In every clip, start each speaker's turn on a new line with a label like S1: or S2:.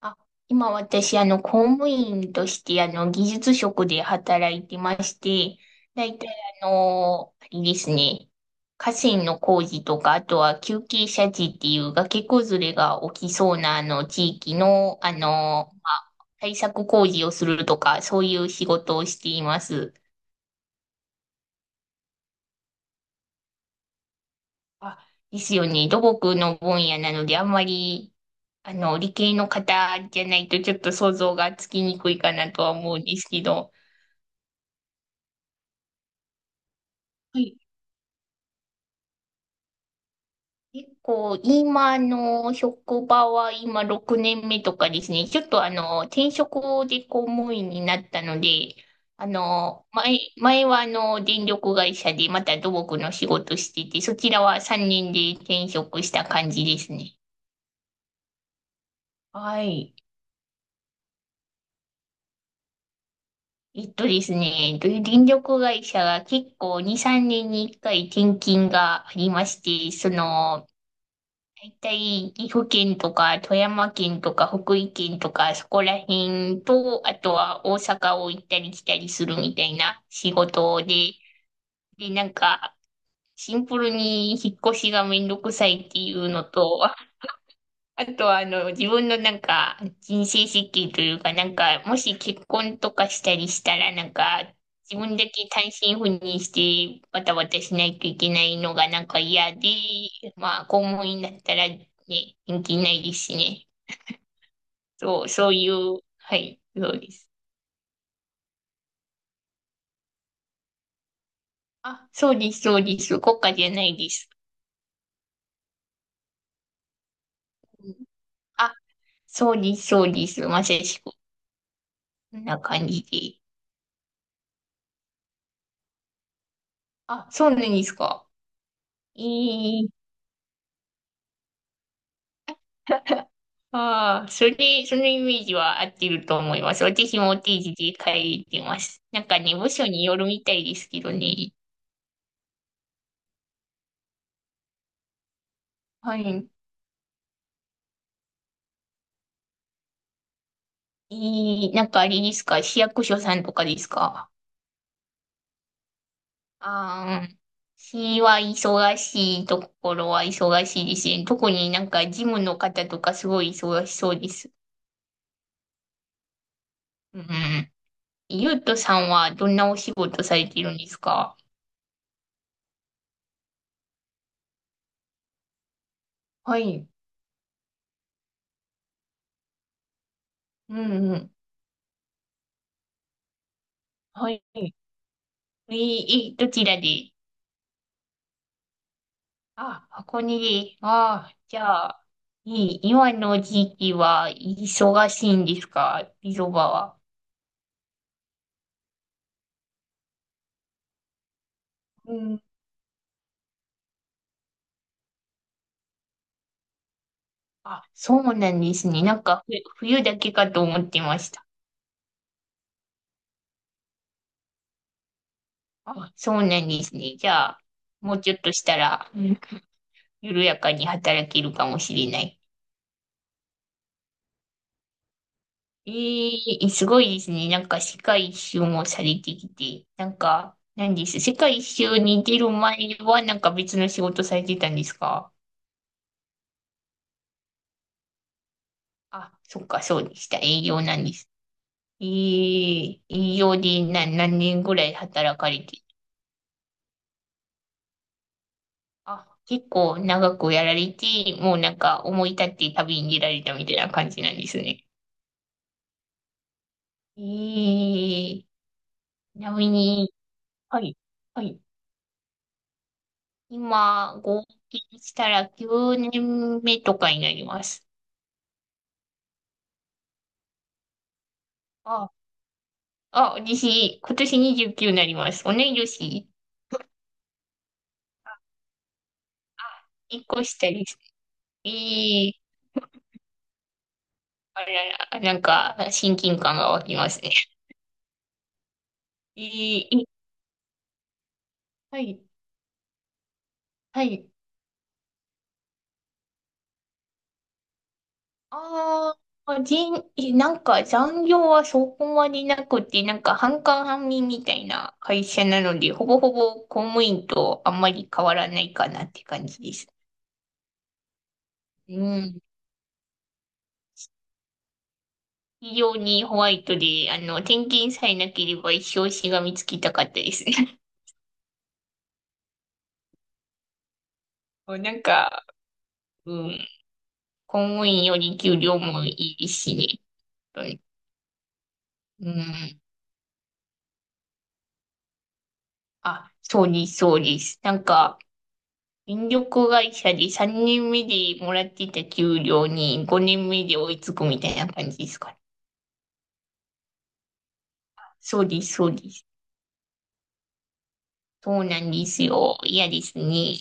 S1: あ、今私、公務員として、技術職で働いてまして、だいたい、あれですね、河川の工事とか、あとは急傾斜地っていう崖崩れが起きそうな、地域の、まあ、対策工事をするとか、そういう仕事をしています。あ、ですよね、土木の分野なので、あんまり、理系の方じゃないと、ちょっと想像がつきにくいかなとは思うんですけど、はい。結構、今の職場は今6年目とかですね、ちょっと転職で公務員になったので、前は電力会社でまた土木の仕事してて、そちらは3年で転職した感じですね。はい。ですね、で電力会社が結構2、3年に1回転勤がありまして、その、大体、岐阜県とか、富山県とか、福井県とか、そこら辺と、あとは大阪を行ったり来たりするみたいな仕事で、で、なんか、シンプルに引っ越しがめんどくさいっていうのと、あとは、自分のなんか、人生設計というか、なんか、もし結婚とかしたりしたら、なんか、自分だけ単身赴任して、バタバタしないといけないのがなんか嫌で、まあ、公務員だったらね、人気ないですしね。そういう、はい、そうです。あ、そうです、そうです。国家じゃないです。うん。あ、そうです、そうです。まさしく。こんな感じで。あ、そうなんですか。ええ。ああ、そのイメージは合ってると思います。私もお定時で帰ってます。なんかね、部署によるみたいですけどね。はい。なんかあれですか、市役所さんとかですか？ああ、市は忙しいところは忙しいですね。特になんか事務の方とかすごい忙しそうです。うん。ゆうとさんはどんなお仕事されてるんですか？はい。うんうん。はい。どちらで？あ、ああ、じゃあ、今の時期は忙しいんですか、ビゾバは？うん。あ、そうなんですね。なんか、冬だけかと思ってました。あ、そうなんですね。じゃあ、もうちょっとしたら、うん、緩やかに働けるかもしれない。ええ。すごいですね。なんか、世界一周もされてきて、なんか、なんです。世界一周に出る前は、なんか別の仕事されてたんですか？あ、そっか、そうでした。営業なんです。ええ。営業で何年ぐらい働かれて。あ、結構長くやられて、もうなんか思い立って旅に出られたみたいな感じなんですね。ええ。ちなみに、はい、はい。今、合計したら9年目とかになります。あ、あ、私、今年29になります。同い年。あ、1個下です。ええ。あ、いやいや、なんか、親近感が湧きますね。いい、いはい、はい。ああ。なんか残業はそこまでなくて、なんか半官半民みたいな会社なので、ほぼほぼ公務員とあんまり変わらないかなって感じです。うん。非常にホワイトで、転勤さえなければ一生しがみつきたかったですね。もうなんか、うん、公務員より給料もいいしね。本当に。うん。あ、そうです、そうです。なんか、電力会社で3年目でもらってた給料に5年目で追いつくみたいな感じですかね。そうです、そうです。そうなんですよ。嫌ですね。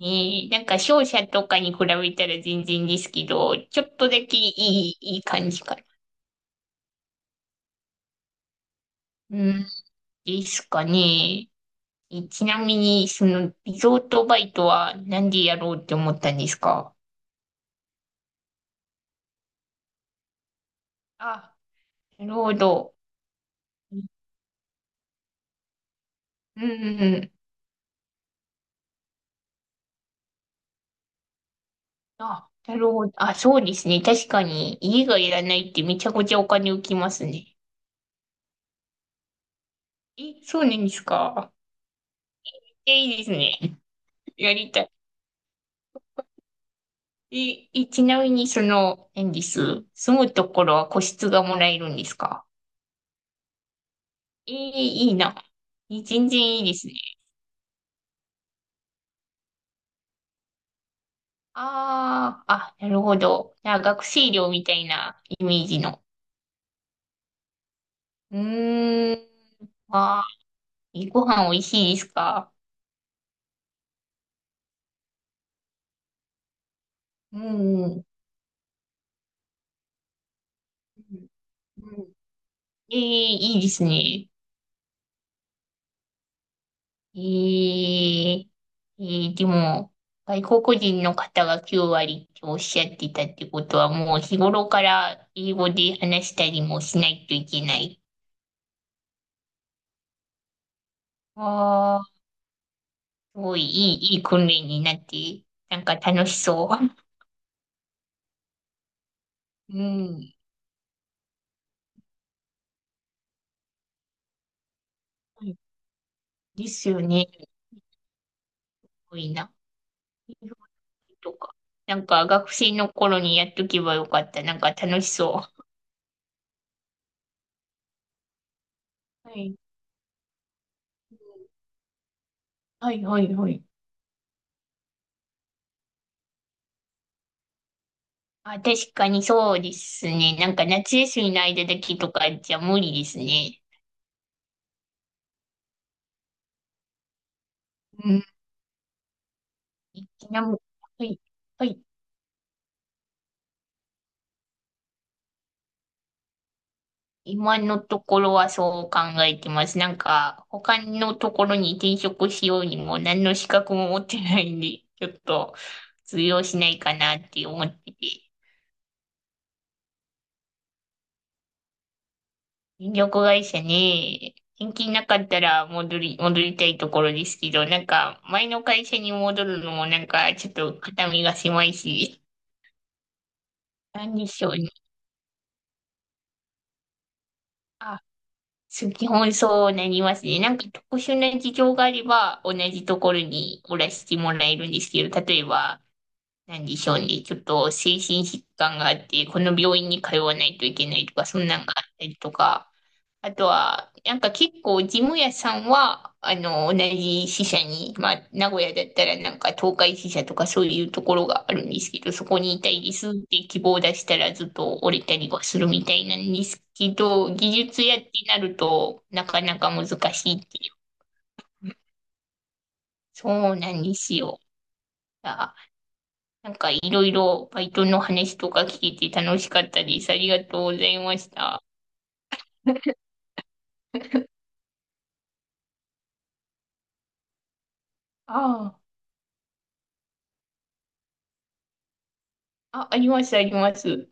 S1: ねえ、なんか商社とかに比べたら全然ですけど、ちょっとだけいい感じかな。うん、ですかね。ちなみに、その、リゾートバイトはなんでやろうって思ったんですか？あ、なるほど。うんうん。あ、なるほど。あ、そうですね。確かに、家がいらないってめちゃくちゃお金浮きますね。え、そうなんですか。え、いいですね。やりたい。え、ちなみに、その、何です。住むところは個室がもらえるんですか？え、いいな。え、全然いいですね。ああ、あ、なるほど。あ、学生寮みたいなイメージの。うーん。あー、ご飯美味しいですか？うん。うん。うん。いいですね。ええ。でも、外国人の方が9割っておっしゃってたってことは、もう日頃から英語で話したりもしないといけない。ああ、すごいいい訓練になって、なんか楽しそう。うん。ですよね。すごいな。英語とか。なんか学生の頃にやっとけばよかった。なんか楽しそう。はい。はい、はい、はい。あ、確かにそうですね。なんか夏休みの間だけとかじゃ無理ですね。うん。ちなみに、はい、はい。今のところはそう考えてます。なんか、他のところに転職しようにも何の資格も持ってないんで、ちょっと通用しないかなって思ってて。電力会社ね、転勤なかったら戻りたいところですけど、なんか、前の会社に戻るのもなんか、ちょっと肩身が狭いし、なんでしょうね。あ、そう基本そうなりますね。なんか特殊な事情があれば、同じところにおらしてもらえるんですけど、例えば、なんでしょうね。ちょっと精神疾患があって、この病院に通わないといけないとか、そんなんがあったりとか、あとは、なんか結構、事務屋さんは、同じ支社に、まあ、名古屋だったらなんか東海支社とかそういうところがあるんですけど、そこにいたいですって希望を出したらずっと折れたりはするみたいなんですけど、技術屋ってなるとなかなか難しいっていう。そうなんですよ。あ、なんかいろいろバイトの話とか聞けて楽しかったです。ありがとうございました。ああ、あ、あります、あります。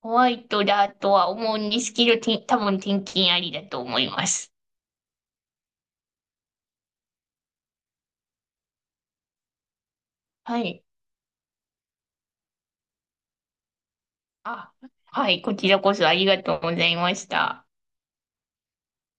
S1: ホワイトだとは思うんですけど、多分転勤ありだと思います。はい。あ、はい。こちらこそありがとうございました。